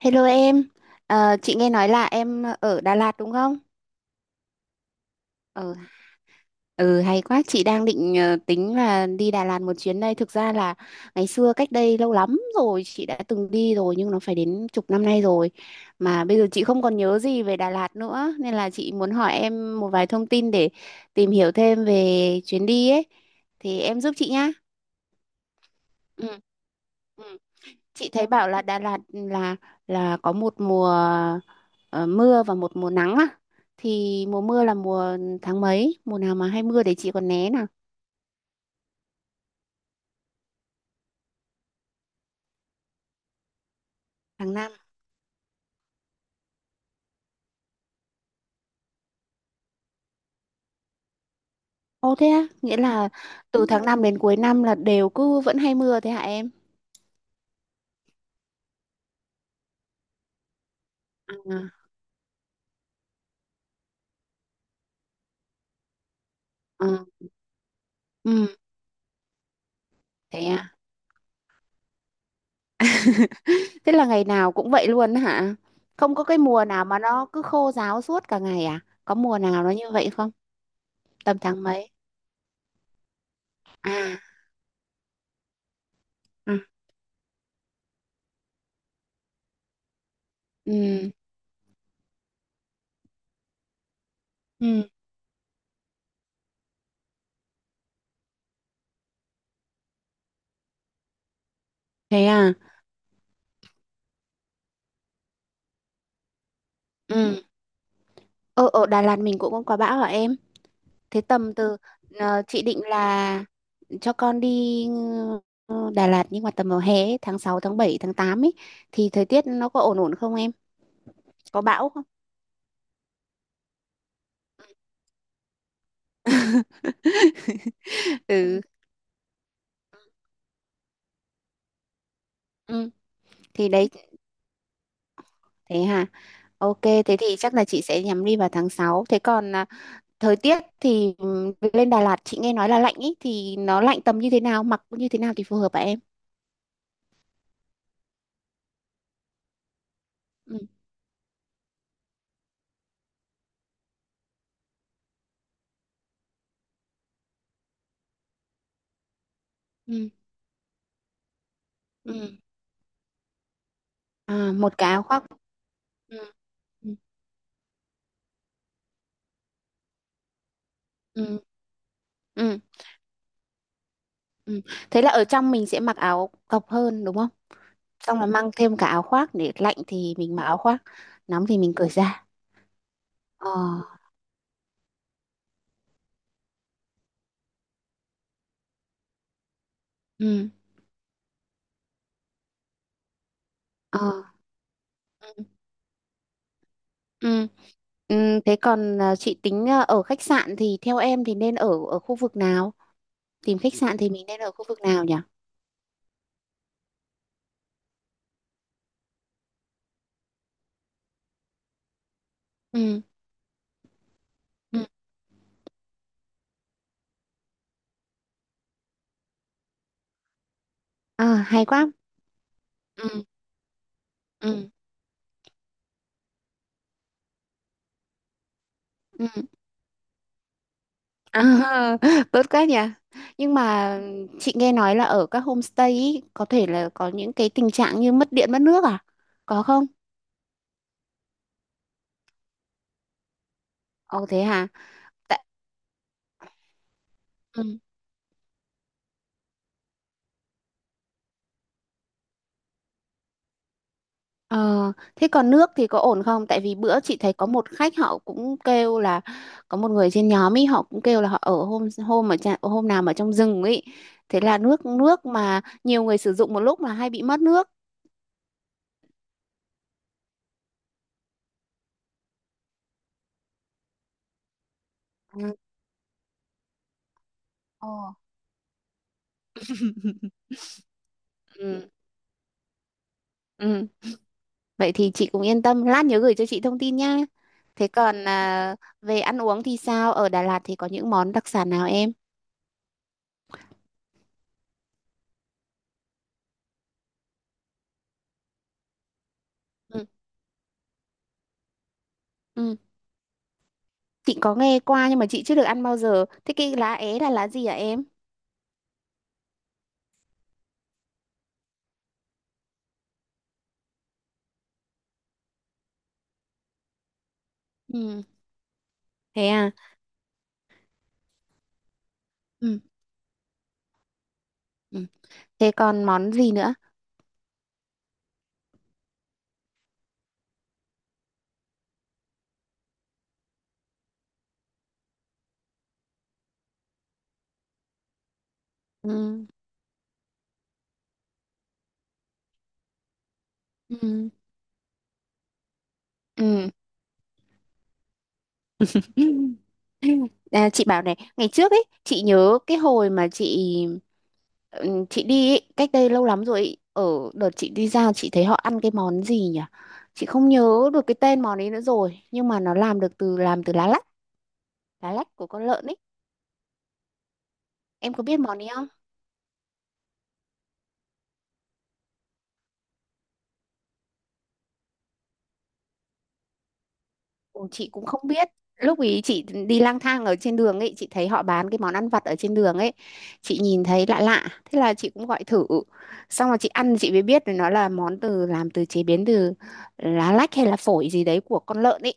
Hello em. Chị nghe nói là em ở Đà Lạt đúng không? Ờ, ừ, Hay quá, chị đang định tính là đi Đà Lạt một chuyến đây. Thực ra là ngày xưa cách đây lâu lắm rồi chị đã từng đi rồi nhưng nó phải đến chục năm nay rồi. Mà bây giờ chị không còn nhớ gì về Đà Lạt nữa nên là chị muốn hỏi em một vài thông tin để tìm hiểu thêm về chuyến đi ấy. Thì em giúp chị nhá. Ừ. Chị thấy bảo là Đà Lạt là có một mùa ờ, mưa và một mùa nắng á. Thì mùa mưa là mùa tháng mấy? Mùa nào mà hay mưa để chị còn né nào? Tháng 5. Ồ thế á, nghĩa là từ tháng 5 đến cuối năm là đều cứ vẫn hay mưa thế hả em? À. À. Ừ. Thế à. Thế là ngày nào cũng vậy luôn hả? Không có cái mùa nào mà nó cứ khô ráo suốt cả ngày à? Có mùa nào nó như vậy không? Tầm tháng mấy? À. À. Ừ. Ừ. Thế à? Ừ. Ờ, Ở Đà Lạt mình cũng không có bão hả em? Thế tầm từ chị định là cho con đi Đà Lạt nhưng mà tầm vào hè ấy, tháng 6, tháng 7, tháng 8 ấy thì thời tiết nó có ổn ổn không em? Có bão không? Ừ. Ừ, thì đấy, thế hả? Ok, thế thì chắc là chị sẽ nhắm đi vào tháng 6. Thế còn thời tiết thì lên Đà Lạt chị nghe nói là lạnh ấy thì nó lạnh tầm như thế nào, mặc như thế nào thì phù hợp hả em? Ừ. Ừ. Ừ. À, một cái áo khoác. Ừ. Ừ. Ừ. Ừ. Ừ. Thế là ở trong mình sẽ mặc áo cộc hơn đúng không? Xong là mang thêm cả áo khoác để lạnh thì mình mặc áo khoác, nóng thì mình cởi ra. Ờ. Ừ. Ờ. Ừ. Ừ. Ừ. Thế còn chị tính ở khách sạn thì theo em thì nên ở ở khu vực nào? Tìm khách sạn thì mình nên ở khu vực nào nhỉ? Ừ. Ừ. À, hay quá. Ừ. Ừ. Ừ. À, tốt quá nhỉ. Nhưng mà chị nghe nói là ở các homestay ý, có thể là có những cái tình trạng như mất điện mất nước à? Có không? Ồ thế hả? Tại. Ừ. Ờ, Thế còn nước thì có ổn không? Tại vì bữa chị thấy có một khách họ cũng kêu là có một người trên nhóm ấy họ cũng kêu là họ ở hôm hôm ở hôm nào mà trong rừng ấy. Thế là nước nước mà nhiều người sử dụng một lúc là hay bị mất nước. Ừ. Ồ. Ừ. Ừ. Vậy thì chị cũng yên tâm, lát nhớ gửi cho chị thông tin nha. Thế còn về ăn uống thì sao? Ở Đà Lạt thì có những món đặc sản nào em? Ừ. Ừ. Chị có nghe qua nhưng mà chị chưa được ăn bao giờ. Thế cái lá é là lá gì hả em? Ừ. Thế à? Ừ. Ừ. Thế còn món gì nữa? Ừ. Ừ. Ừ. À, chị bảo này, ngày trước ấy, chị nhớ cái hồi mà chị ừ, chị đi ấy, cách đây lâu lắm rồi ấy, ở đợt chị đi ra chị thấy họ ăn cái món gì nhỉ? Chị không nhớ được cái tên món ấy nữa rồi, nhưng mà nó làm được từ lá lách của con lợn ấy. Em có biết món ấy? Ồ, chị cũng không biết, lúc ý chị đi lang thang ở trên đường ấy chị thấy họ bán cái món ăn vặt ở trên đường ấy chị nhìn thấy lạ lạ thế là chị cũng gọi thử xong rồi chị ăn chị mới biết là nó là món từ làm từ chế biến từ lá lách hay là phổi gì đấy của con lợn ấy,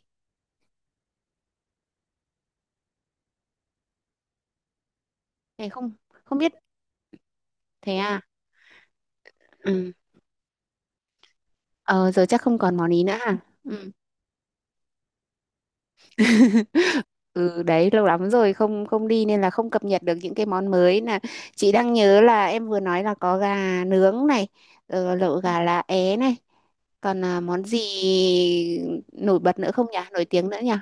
thế không không biết, thế à. Ừ. ờ giờ chắc không còn món ý nữa hả? Ừ. Ừ, đấy lâu lắm rồi không không đi nên là không cập nhật được những cái món mới, là chị đang nhớ là em vừa nói là có gà nướng này, lẩu gà lá é này, còn món gì nổi bật nữa không nhỉ, nổi tiếng nữa nhỉ?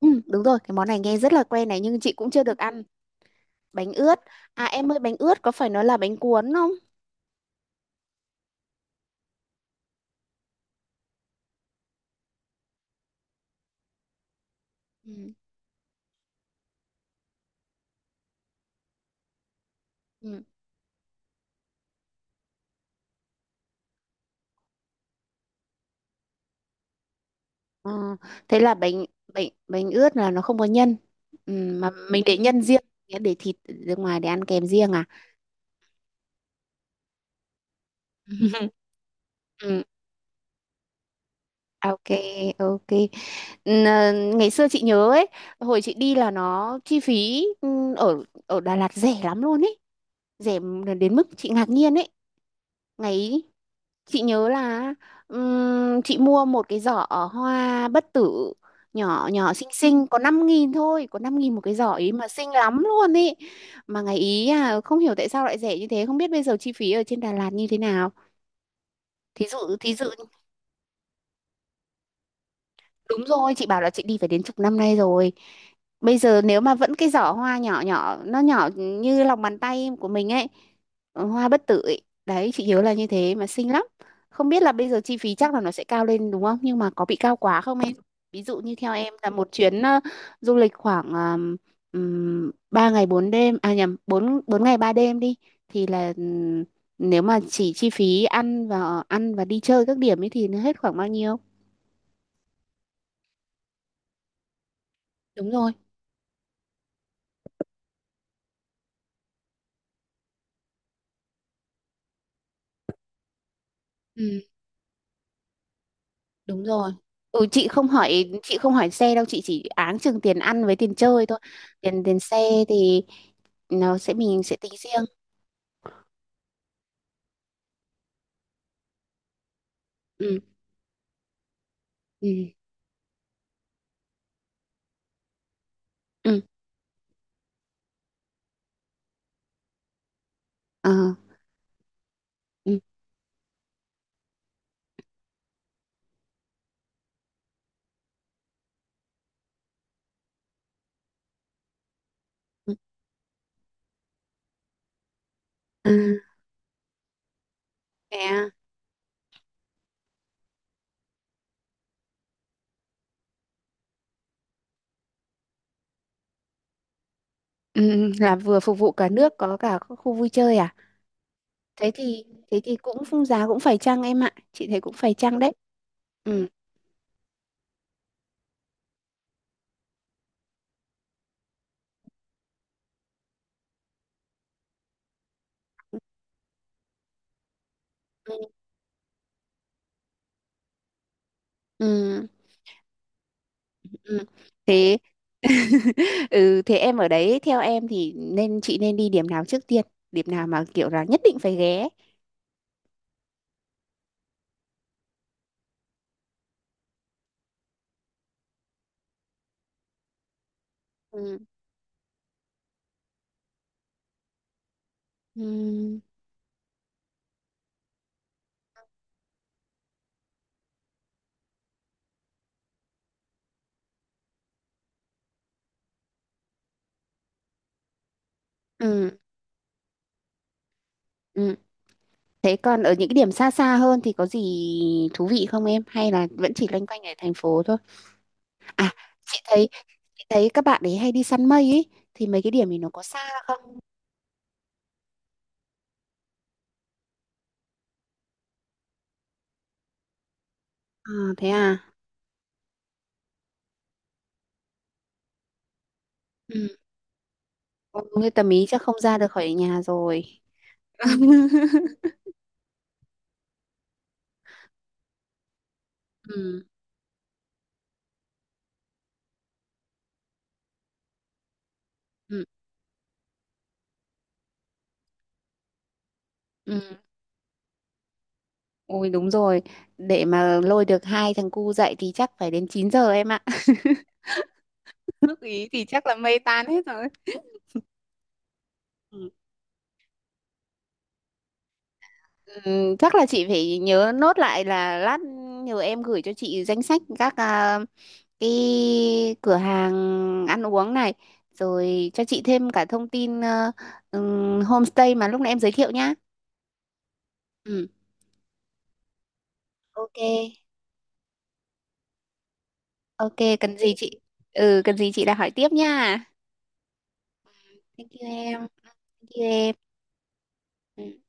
Ừ, đúng rồi, cái món này nghe rất là quen này, nhưng chị cũng chưa được ăn bánh ướt. À em ơi, bánh ướt có phải nó là bánh cuốn không? Ừ. Ừ. Ờ, Thế là bánh bánh bánh ướt là nó không có nhân, ừ, mà mình để nhân riêng, để thịt ra ngoài để ăn kèm riêng à? Ok, ok. Ngày xưa chị nhớ ấy, hồi chị đi là nó chi phí ở ở Đà Lạt rẻ lắm luôn ấy, rẻ đến mức chị ngạc nhiên ấy. Ngày ấy, chị nhớ là chị mua một cái giỏ hoa bất tử nhỏ nhỏ xinh xinh có 5.000 thôi, có 5.000 một cái giỏ ấy mà xinh lắm luôn ấy. Mà ngày ý à không hiểu tại sao lại rẻ như thế, không biết bây giờ chi phí ở trên Đà Lạt như thế nào. Thí dụ. Đúng rồi, chị bảo là chị đi phải đến chục năm nay rồi. Bây giờ nếu mà vẫn cái giỏ hoa nhỏ nhỏ, nó nhỏ như lòng bàn tay của mình ấy, hoa bất tử ấy. Đấy, chị nhớ là như thế mà xinh lắm. Không biết là bây giờ chi phí chắc là nó sẽ cao lên đúng không? Nhưng mà có bị cao quá không em? Ví dụ như theo em là một chuyến du lịch khoảng 3 ngày 4 đêm, à nhầm, 4 4 ngày 3 đêm đi. Thì là nếu mà chỉ chi phí ăn và đi chơi các điểm ấy thì nó hết khoảng bao nhiêu? Đúng rồi. Ừ. Đúng rồi. Ừ, chị không hỏi xe đâu, chị chỉ áng chừng tiền ăn với tiền chơi thôi. Tiền tiền xe thì nó sẽ mình sẽ tính riêng. Ừ. Ừ. Ừ. Ờ. Ừ. Ừ. Ừ. Thế à. Ừ, ừ, là vừa phục vụ cả nước có cả khu khu vui chơi à? Thế thì thế thì cũng phung giá cũng phải chăng em ạ, chị thấy cũng phải chăng đấy. Ừ. Ừ. Ừ. Ừ. Thế. Ừ, thế em ở đấy theo em thì chị nên đi điểm nào trước tiên, điểm nào mà kiểu là nhất định phải ghé? Ừ. Ừ. Ừ. Ừ. Thế còn ở những cái điểm xa xa hơn thì có gì thú vị không em? Hay là vẫn chỉ loanh quanh ở thành phố thôi? À, chị thấy chị thấy các bạn ấy hay đi săn mây ấy, thì mấy cái điểm thì nó có xa không? À, thế à? Ừ. Ừ, như tầm ý chắc không ra được khỏi nhà rồi. Ừ. Ừ. Ừ. Ôi đúng rồi, để mà lôi được hai thằng cu dậy thì chắc phải đến 9 giờ em ạ. Lúc ý thì chắc là mây tan hết rồi. Ừ. Ừ, chắc là chị phải nhớ nốt lại là lát nhờ em gửi cho chị danh sách các cái cửa hàng ăn uống này, rồi cho chị thêm cả thông tin homestay mà lúc nãy em giới thiệu nhá. Ừ. Ok. Ok, cần gì chị? Ừ, cần gì chị đã hỏi tiếp nha. Thank you em. Thank you em. Ừ.